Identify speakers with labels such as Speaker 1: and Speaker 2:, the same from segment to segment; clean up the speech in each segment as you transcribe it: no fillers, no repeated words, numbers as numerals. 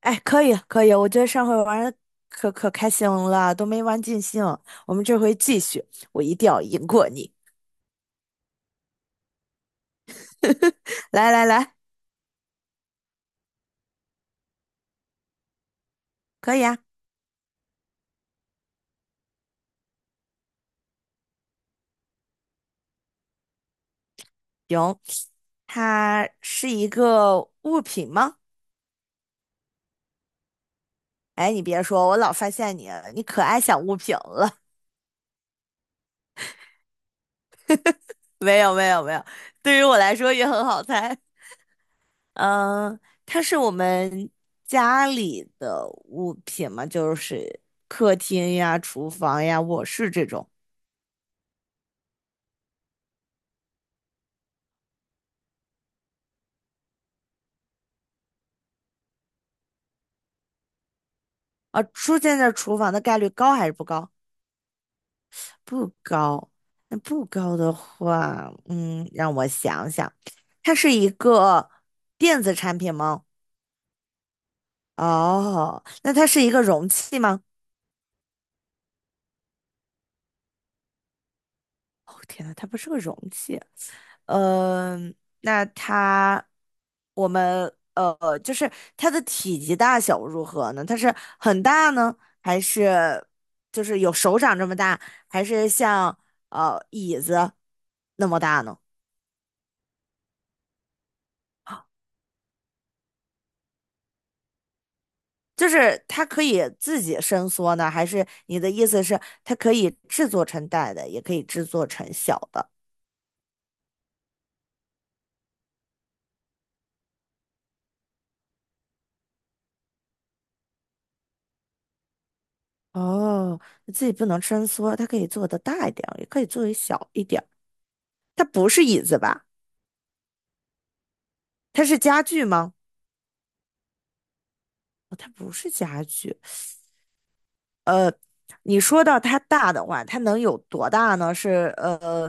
Speaker 1: 哎，可以可以，我觉得上回玩的可可开心了，都没玩尽兴。我们这回继续，我一定要赢过你。来来来，可以啊，行。它是一个物品吗？哎，你别说，我老发现你，你可爱想物品了。没有没有没有，对于我来说也很好猜。嗯，它是我们家里的物品嘛，就是客厅呀、厨房呀、卧室这种。啊，出现在厨房的概率高还是不高？不高。那不高的话，让我想想，它是一个电子产品吗？哦，那它是一个容器吗？哦，天呐，它不是个容器。嗯、那它，我们呃，就是它的体积大小如何呢？它是很大呢，还是就是有手掌这么大，还是像椅子那么大呢？就是它可以自己伸缩呢，还是你的意思是它可以制作成大的，也可以制作成小的？哦，自己不能伸缩，它可以做的大一点儿，也可以做的小一点儿。它不是椅子吧？它是家具吗？哦，它不是家具。你说到它大的话，它能有多大呢？是呃，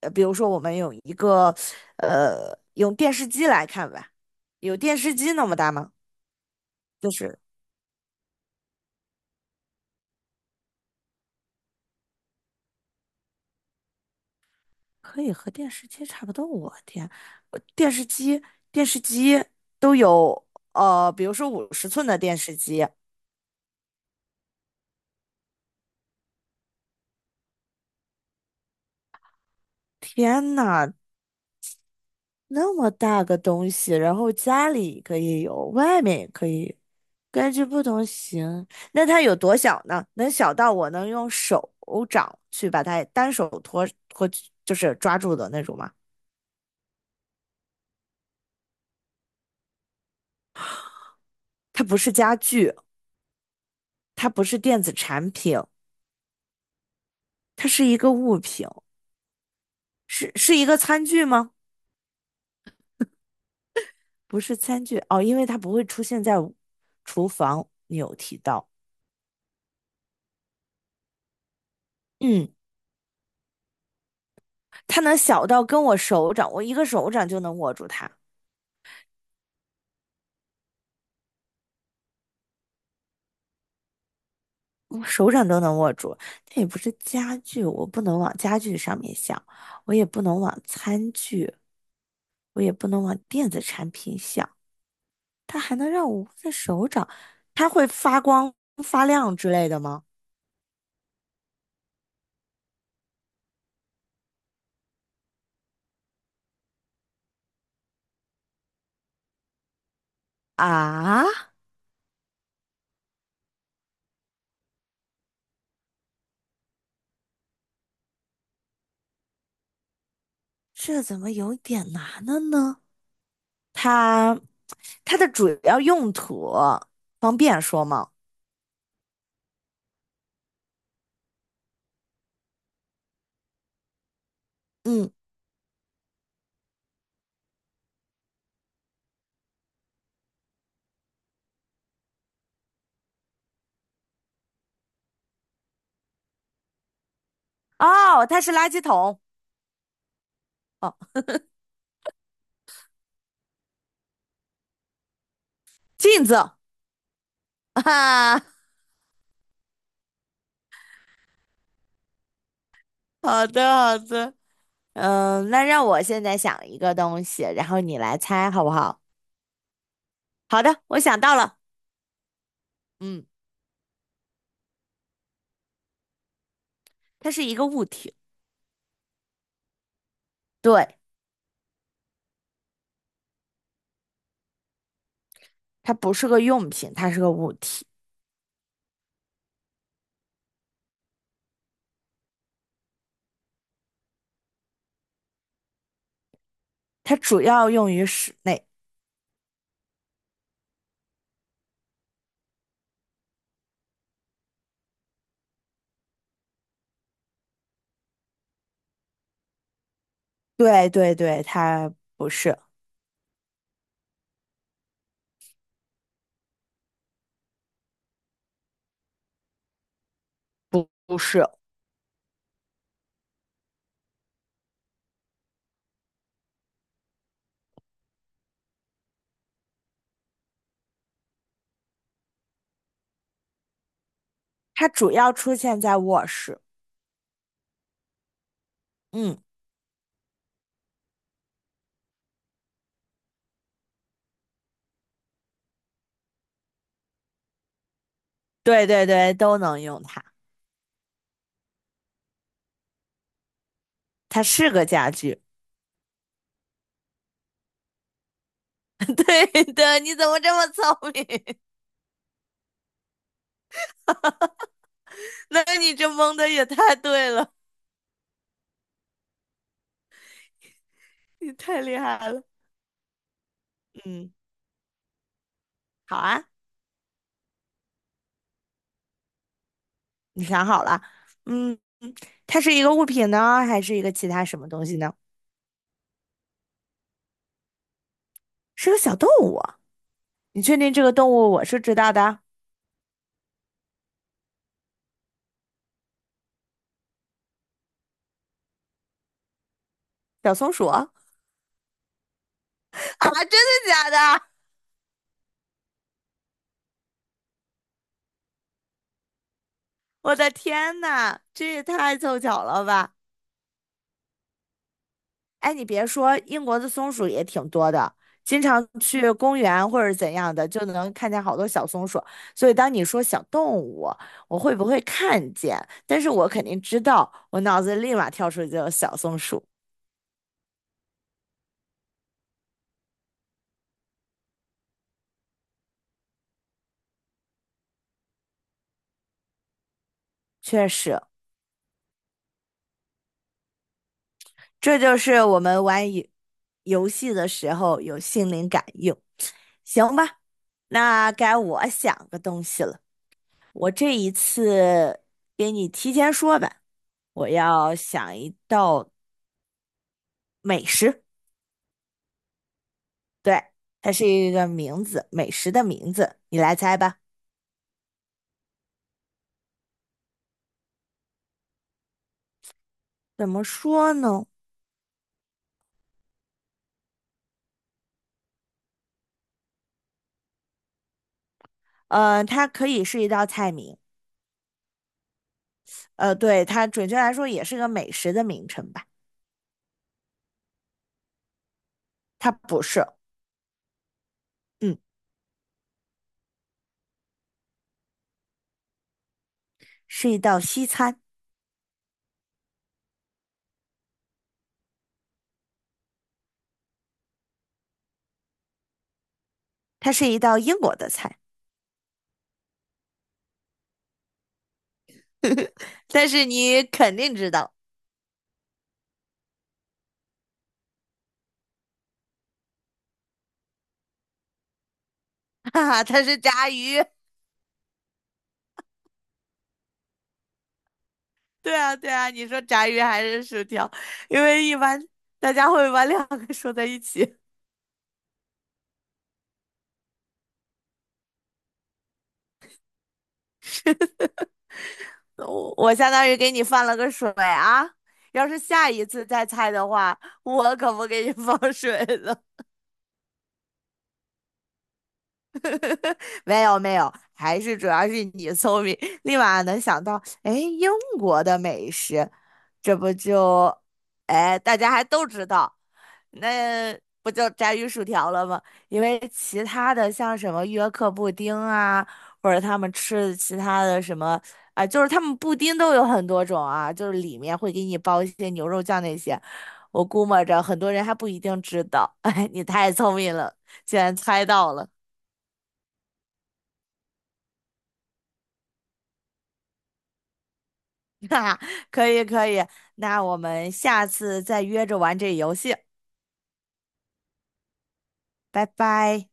Speaker 1: 呃，比如说我们有一个用电视机来看吧，有电视机那么大吗？就是。可以和电视机差不多。我天，我电视机都有比如说50寸的电视机，天呐，那么大个东西，然后家里可以有，外面也可以，根据不同型。那它有多小呢？能小到我能用手掌去把它单手托托，就是抓住的那种吗？它不是家具，它不是电子产品，它是一个物品，是一个餐具吗？不是餐具哦，因为它不会出现在厨房。你有提到，嗯，它能小到跟我手掌，我一个手掌就能握住它，我手掌都能握住。它也不是家具，我不能往家具上面想，我也不能往餐具，我也不能往电子产品想。它还能让我握在手掌，它会发光发亮之类的吗？啊，这怎么有点难了呢？它它的主要用途方便说吗？嗯，哦，它是垃圾桶，哦，镜子啊，好的好的，嗯，那让我现在想一个东西，然后你来猜好不好？好的，我想到了，嗯，它是一个物体，对，它不是个用品，它是个物体，它主要用于室内，对对对，它不是不是，它主要出现在卧室，嗯，对对对，都能用它。它是个家具。对的，你怎么这么聪明？那你这蒙的也太对了，你太厉害了。嗯，好啊，你想好了？嗯，它是一个物品呢，还是一个其他什么东西呢？是个小动物啊你确定这个动物我是知道的？小松鼠？啊，真的假的？我的天呐，这也太凑巧了吧！哎，你别说，英国的松鼠也挺多的，经常去公园或者怎样的，就能看见好多小松鼠。所以当你说小动物，我会不会看见？但是我肯定知道，我脑子立马跳出一个小松鼠。确实，这就是我们玩游戏的时候有心灵感应。行吧，那该我想个东西了。我这一次给你提前说吧，我要想一道美食。对，它是一个名字，美食的名字，你来猜吧。怎么说呢？它可以是一道菜名，对，它准确来说也是个美食的名称吧。它不是，嗯，是一道西餐，它是一道英国的菜，但是你肯定知道，哈哈，它是炸鱼。对啊，对啊，你说炸鱼还是薯条？因为一般大家会把两个说在一起。我相当于给你放了个水啊。要是下一次再猜的话，我可不给你放水了。没有没有，还是主要是你聪明，立马能想到，哎，英国的美食，这不就，哎，大家还都知道，那不就炸鱼薯条了吗？因为其他的像什么约克布丁啊，或者他们吃的其他的什么，啊、就是他们布丁都有很多种啊，就是里面会给你包一些牛肉酱那些，我估摸着很多人还不一定知道，哎，你太聪明了，竟然猜到了。可以可以，那我们下次再约着玩这游戏，拜拜。